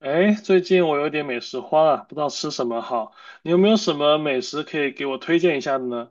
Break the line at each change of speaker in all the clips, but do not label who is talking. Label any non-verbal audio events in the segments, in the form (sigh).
哎，最近我有点美食荒啊，不知道吃什么好。你有没有什么美食可以给我推荐一下的呢？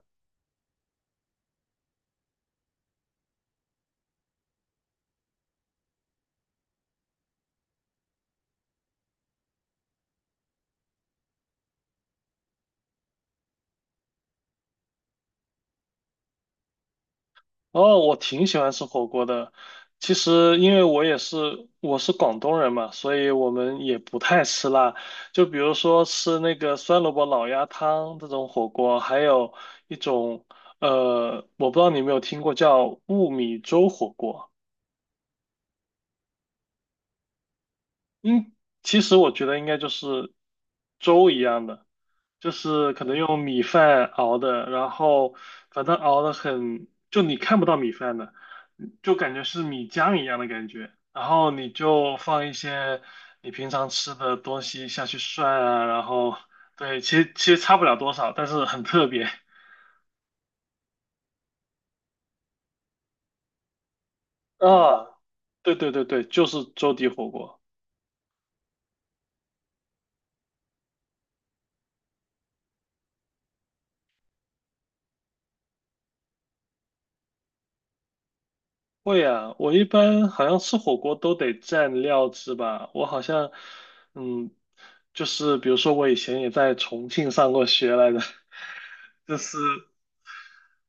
哦，我挺喜欢吃火锅的。其实因为我是广东人嘛，所以我们也不太吃辣。就比如说吃那个酸萝卜老鸭汤这种火锅，还有一种我不知道你有没有听过叫雾米粥火锅。嗯，其实我觉得应该就是粥一样的。就是可能用米饭熬的，然后反正熬的很，就你看不到米饭的，就感觉是米浆一样的感觉。然后你就放一些你平常吃的东西下去涮啊，然后对，其实差不了多少，但是很特别啊。对对对对，就是粥底火锅。会啊，我一般好像吃火锅都得蘸料汁吧。我好像，嗯，就是比如说我以前也在重庆上过学来着。(laughs) 就是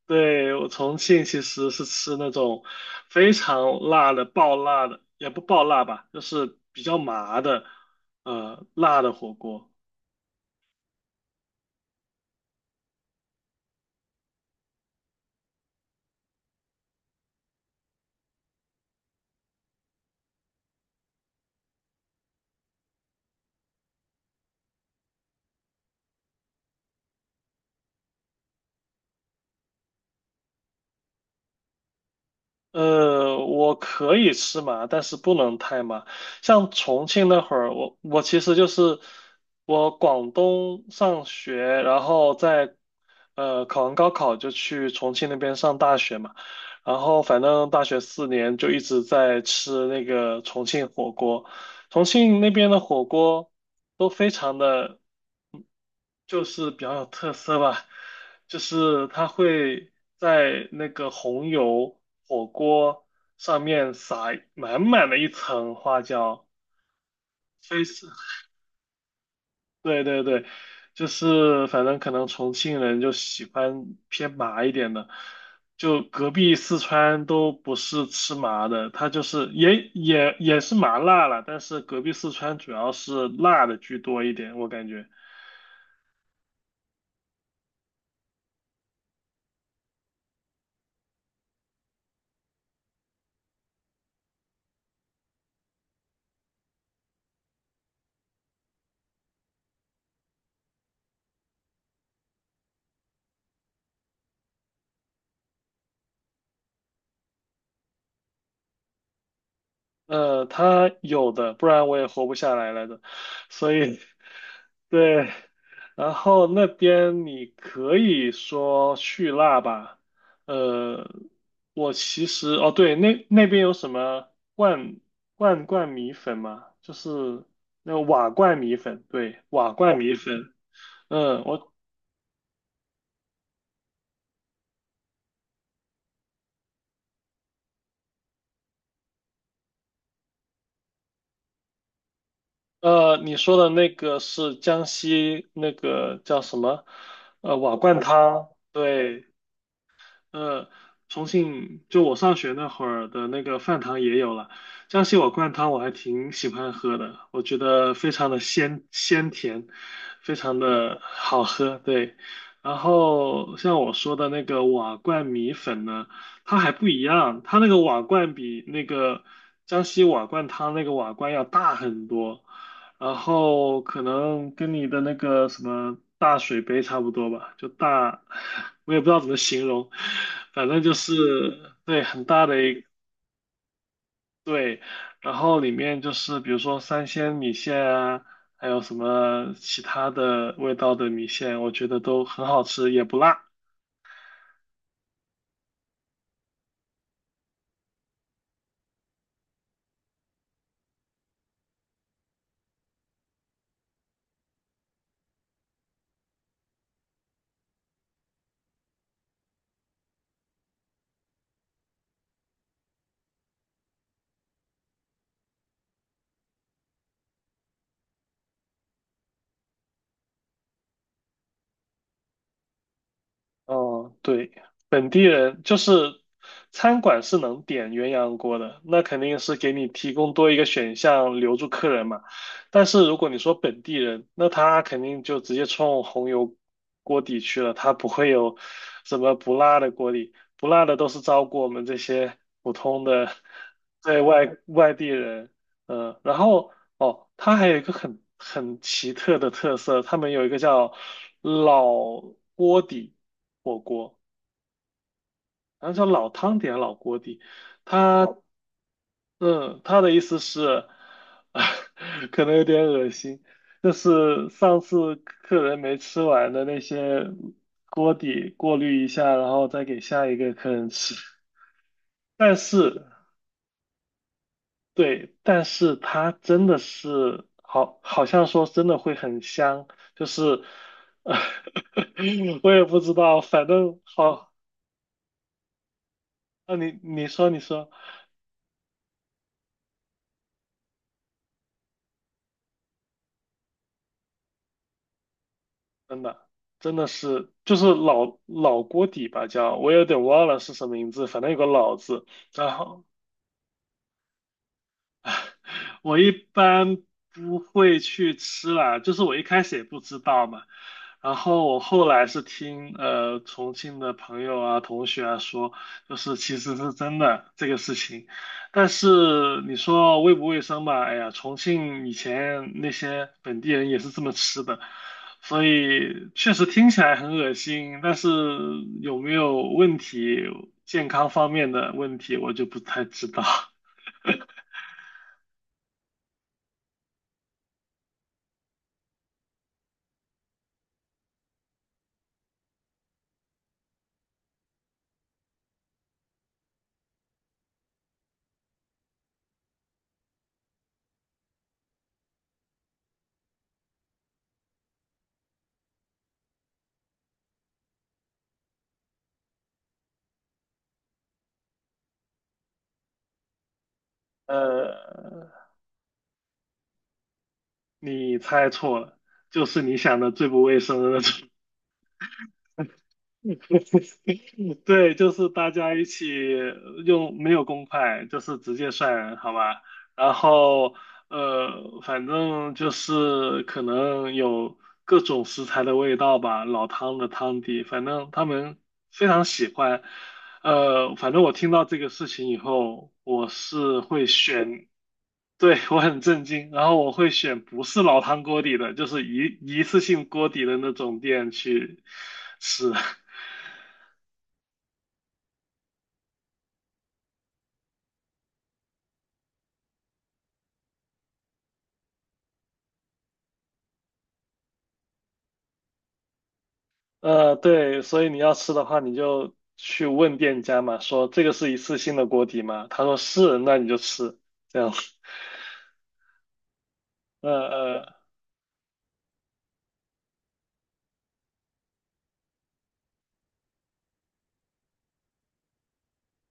对我重庆其实是吃那种非常辣的、爆辣的，也不爆辣吧，就是比较麻的，辣的火锅。我可以吃麻，但是不能太麻。像重庆那会儿，我其实就是我广东上学，然后在考完高考就去重庆那边上大学嘛，然后反正大学四年就一直在吃那个重庆火锅，重庆那边的火锅都非常的。就是比较有特色吧，就是它会在那个红油火锅上面撒满满的一层花椒，非是，对对对，就是反正可能重庆人就喜欢偏麻一点的，就隔壁四川都不是吃麻的，它就是也是麻辣了，但是隔壁四川主要是辣的居多一点，我感觉。他有的，不然我也活不下来了的。所以，对，然后那边你可以说去辣吧。呃，我其实，哦，对，那边有什么罐罐罐米粉吗？就是那个瓦罐米粉，对，瓦罐米粉。嗯，我你说的那个是江西那个叫什么？瓦罐汤，对。呃，重庆就我上学那会儿的那个饭堂也有了，江西瓦罐汤我还挺喜欢喝的，我觉得非常的鲜甜，非常的好喝，对。然后像我说的那个瓦罐米粉呢，它还不一样，它那个瓦罐比那个江西瓦罐汤那个瓦罐要大很多，然后可能跟你的那个什么大水杯差不多吧，就大，(laughs) 我也不知道怎么形容，反正就是对很大的一对，然后里面就是比如说三鲜米线啊，还有什么其他的味道的米线，我觉得都很好吃，也不辣。哦，对，本地人就是餐馆是能点鸳鸯锅的，那肯定是给你提供多一个选项留住客人嘛。但是如果你说本地人，那他肯定就直接冲红油锅底去了，他不会有什么不辣的锅底，不辣的都是照顾我们这些普通的对外地人。嗯，然后哦，它还有一个很奇特的特色，他们有一个叫老锅底。火锅，然后叫老汤底还是老锅底？他，嗯，他的意思是，(laughs) 可能有点恶心，就是上次客人没吃完的那些锅底过滤一下，然后再给下一个客人吃。但是，对，但是它真的是好，好像说真的会很香，就是，(laughs) 我也不知道，反正好，啊，你说你说。真的，真的是就是老锅底吧，叫我有点忘了是什么名字，反正有个老字，然后我一般不会去吃啦，就是我一开始也不知道嘛，然后我后来是听重庆的朋友啊、同学啊说，就是其实是真的这个事情，但是你说卫不卫生吧，哎呀，重庆以前那些本地人也是这么吃的，所以确实听起来很恶心，但是有没有问题，健康方面的问题我就不太知道。(laughs) 呃，你猜错了，就是你想的最不卫生的那种。(laughs) 对，就是大家一起用没有公筷，就是直接算，好吧？然后反正就是可能有各种食材的味道吧，老汤的汤底，反正他们非常喜欢。反正我听到这个事情以后，我是会选，对，我很震惊，然后我会选不是老汤锅底的，就是一次性锅底的那种店去吃。(laughs) 对，所以你要吃的话，你就去问店家嘛，说这个是一次性的锅底吗？他说是，那你就吃，这样。(laughs) 呃呃，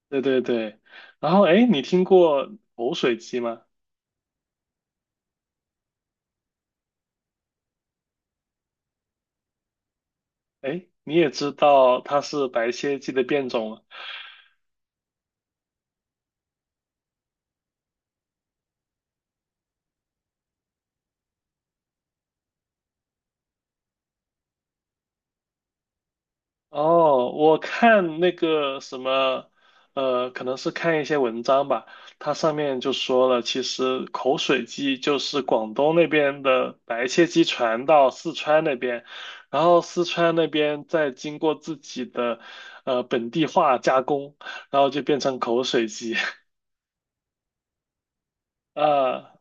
对对对。然后，哎，你听过口水鸡吗？哎，你也知道它是白切鸡的变种了。哦，我看那个什么，可能是看一些文章吧，它上面就说了，其实口水鸡就是广东那边的白切鸡传到四川那边，然后四川那边再经过自己的本地化加工，然后就变成口水鸡 (laughs) 啊。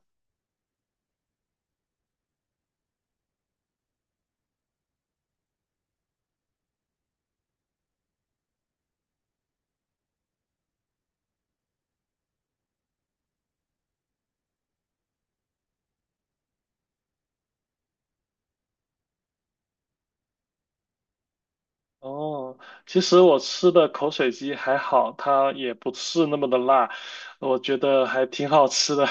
哦，其实我吃的口水鸡还好，它也不是那么的辣，我觉得还挺好吃的。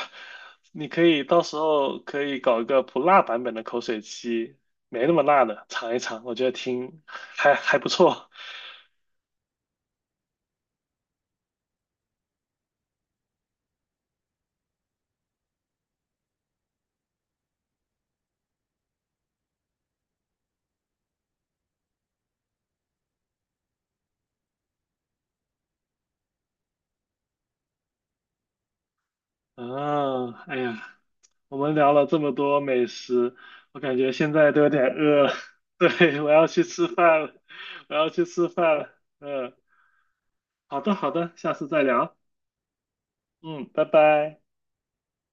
你可以到时候可以搞一个不辣版本的口水鸡，没那么辣的，尝一尝，我觉得挺还不错。啊，哎呀，我们聊了这么多美食，我感觉现在都有点饿了。(laughs) 对，我要去吃饭了，我要去吃饭了。嗯，好的好的，下次再聊。嗯，拜拜。